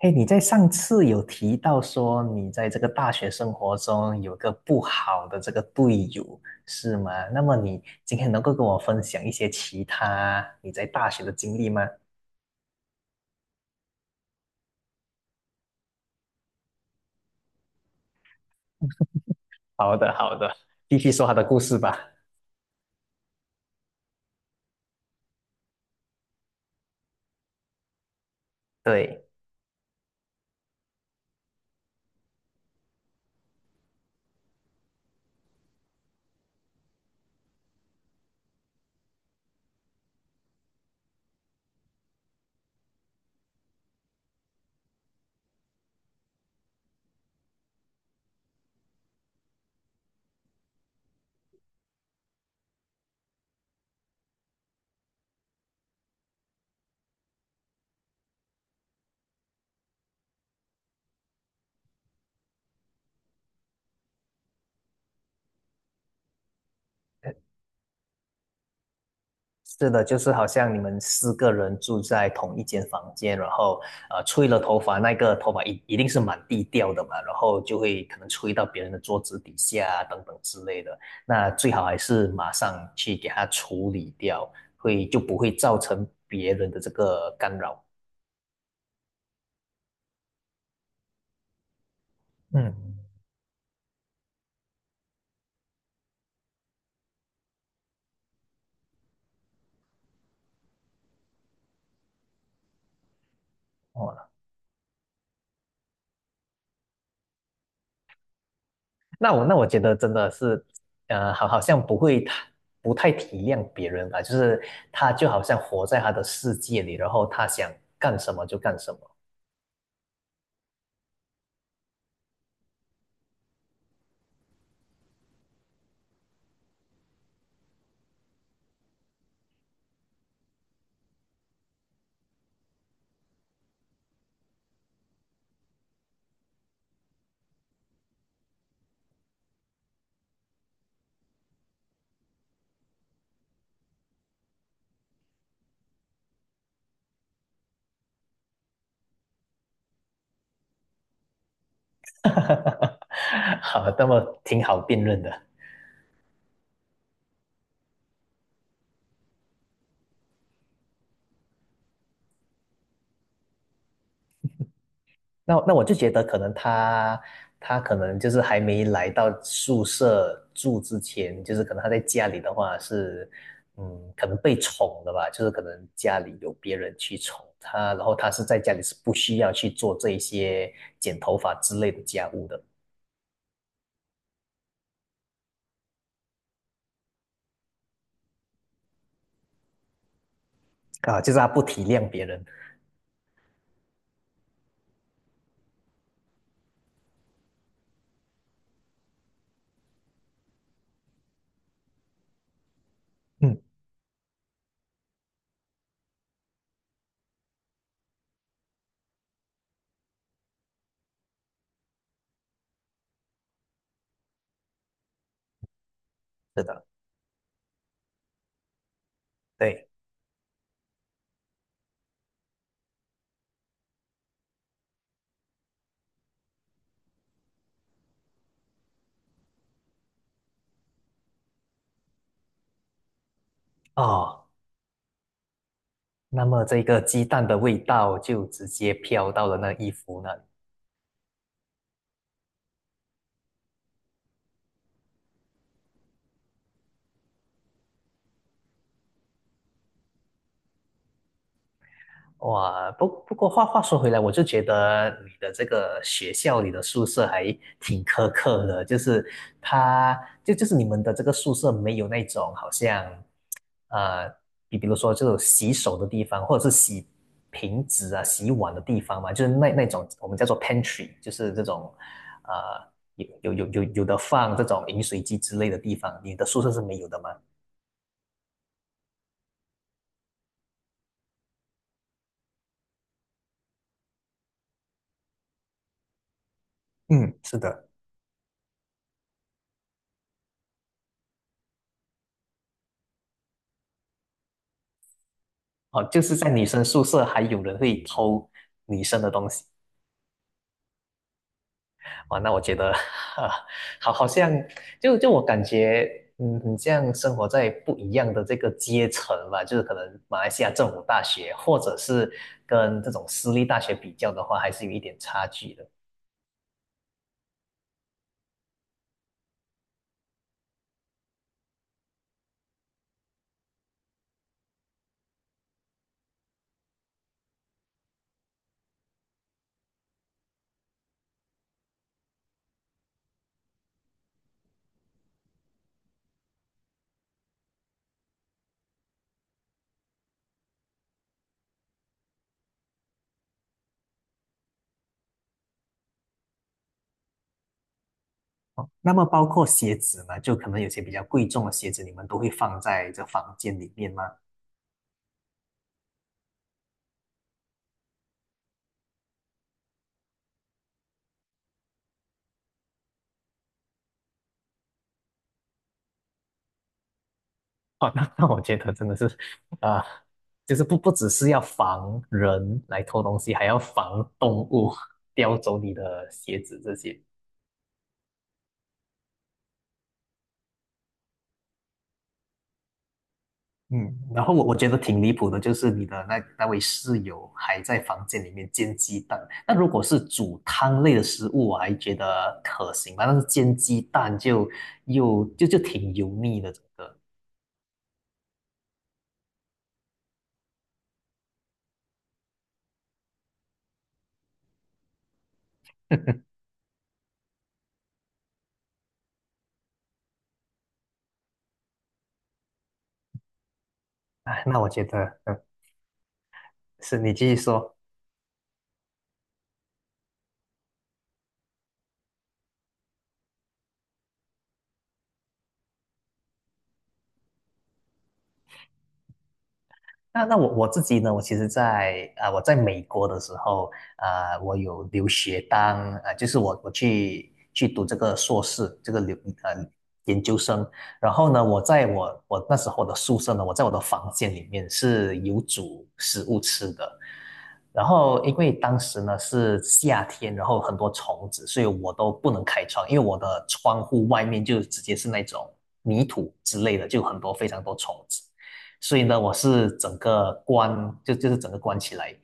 哎，你在上次有提到说你在这个大学生活中有个不好的这个队友，是吗？那么你今天能够跟我分享一些其他你在大学的经历吗？好的，好的，继续说他的故事吧。对，是的，就是好像你们四个人住在同一间房间，然后吹了头发，那个头发一定是满地掉的嘛，然后就会可能吹到别人的桌子底下啊等等之类的。那最好还是马上去给它处理掉，不会造成别人的这个干扰。嗯。哦，那我觉得真的是，好像不会太不太体谅别人吧，就是他就好像活在他的世界里，然后他想干什么就干什么。哈哈哈，好，那么挺好辩论的。那我就觉得，可能他可能就是还没来到宿舍住之前，就是可能他在家里的话是，嗯，可能被宠的吧，就是可能家里有别人去宠他，然后他是在家里是不需要去做这一些剪头发之类的家务的。啊，就是他不体谅别人。嗯，是的，对。哦，那么这个鸡蛋的味道就直接飘到了那衣服那里。哇，不过话说回来，我就觉得你的这个学校里的宿舍还挺苛刻的，就是它是你们的这个宿舍没有那种好像，呃，比如说这种洗手的地方，或者是洗瓶子啊、洗碗的地方嘛，就是那种我们叫做 pantry，就是这种，呃，有的放这种饮水机之类的地方，你的宿舍是没有的吗？嗯，是的。哦，就是在女生宿舍还有人会偷女生的东西。哇，那我觉得，啊，好，好像我感觉，嗯，你这样生活在不一样的这个阶层吧，就是可能马来西亚政府大学，或者是跟这种私立大学比较的话，还是有一点差距的。哦，那么包括鞋子呢，就可能有些比较贵重的鞋子，你们都会放在这房间里面吗？哦，那那我觉得真的是，啊、就是不只是要防人来偷东西，还要防动物叼走你的鞋子这些。嗯，然后我我觉得挺离谱的，就是你的那位室友还在房间里面煎鸡蛋。那如果是煮汤类的食物，我还觉得可行吧，但是煎鸡蛋就就挺油腻的，整个。哎，那我觉得，嗯，是你继续说。那我自己呢？我其实在，啊我在美国的时候，啊我有留学当啊就是我去读这个硕士，这个留呃研究生。然后呢，我在我那时候的宿舍呢，我在我的房间里面是有煮食物吃的，然后因为当时呢是夏天，然后很多虫子，所以我都不能开窗，因为我的窗户外面就直接是那种泥土之类的，就很多非常多虫子，所以呢我是整个关就就是整个关起来。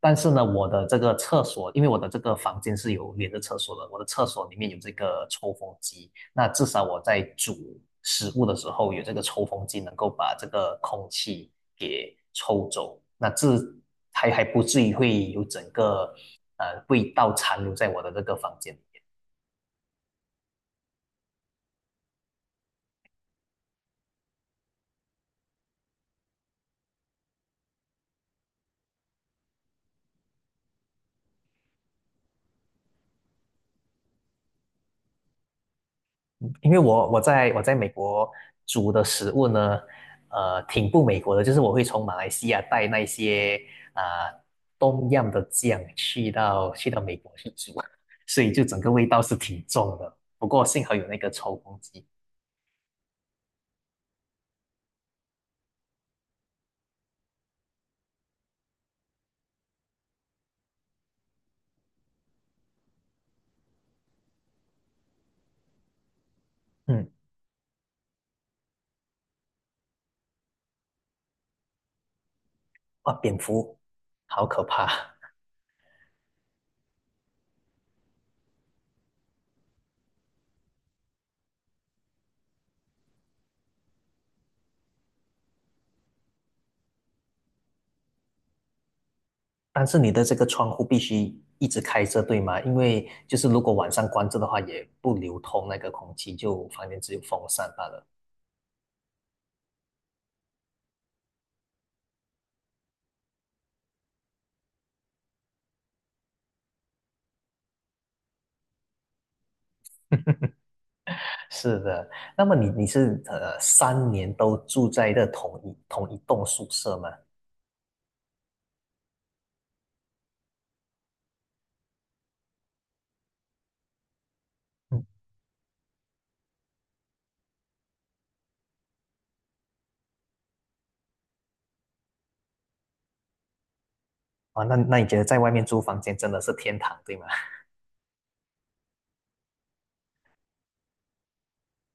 但是呢，我的这个厕所，因为我的这个房间是有连着厕所的，我的厕所里面有这个抽风机，那至少我在煮食物的时候有这个抽风机，能够把这个空气给抽走，那这还不至于会有整个味道残留在我的这个房间里面。因为我在美国煮的食物呢，呃，挺不美国的，就是我会从马来西亚带那些啊、东样的酱去到美国去煮，所以就整个味道是挺重的。不过幸好有那个抽风机。嗯。哇，蝙蝠好可怕。但是你的这个窗户必须一直开着，对吗？因为就是如果晚上关着的话，也不流通那个空气，就房间只有风扇罢了。是的，那么你你是3年都住在这同一栋宿舍吗？嗯。啊，那那你觉得在外面租房间真的是天堂，对吗？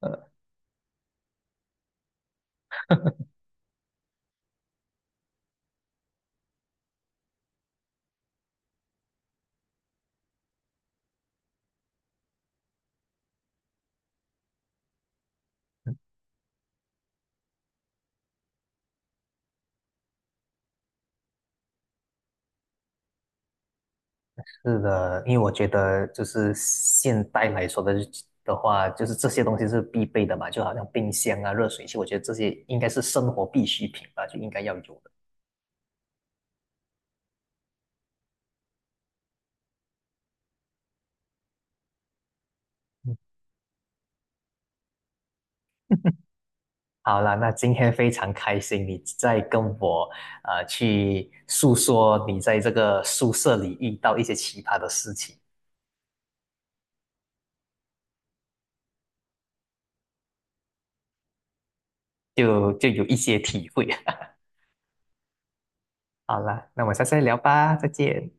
呃，是的，因为我觉得就是现代来说的的话，就是这些东西是必备的嘛，就好像冰箱啊、热水器，我觉得这些应该是生活必需品吧，就应该要有的。嗯。好啦，那今天非常开心，你在跟我去诉说你在这个宿舍里遇到一些奇葩的事情，就有一些体会。好啦，那我们下次再聊吧，再见。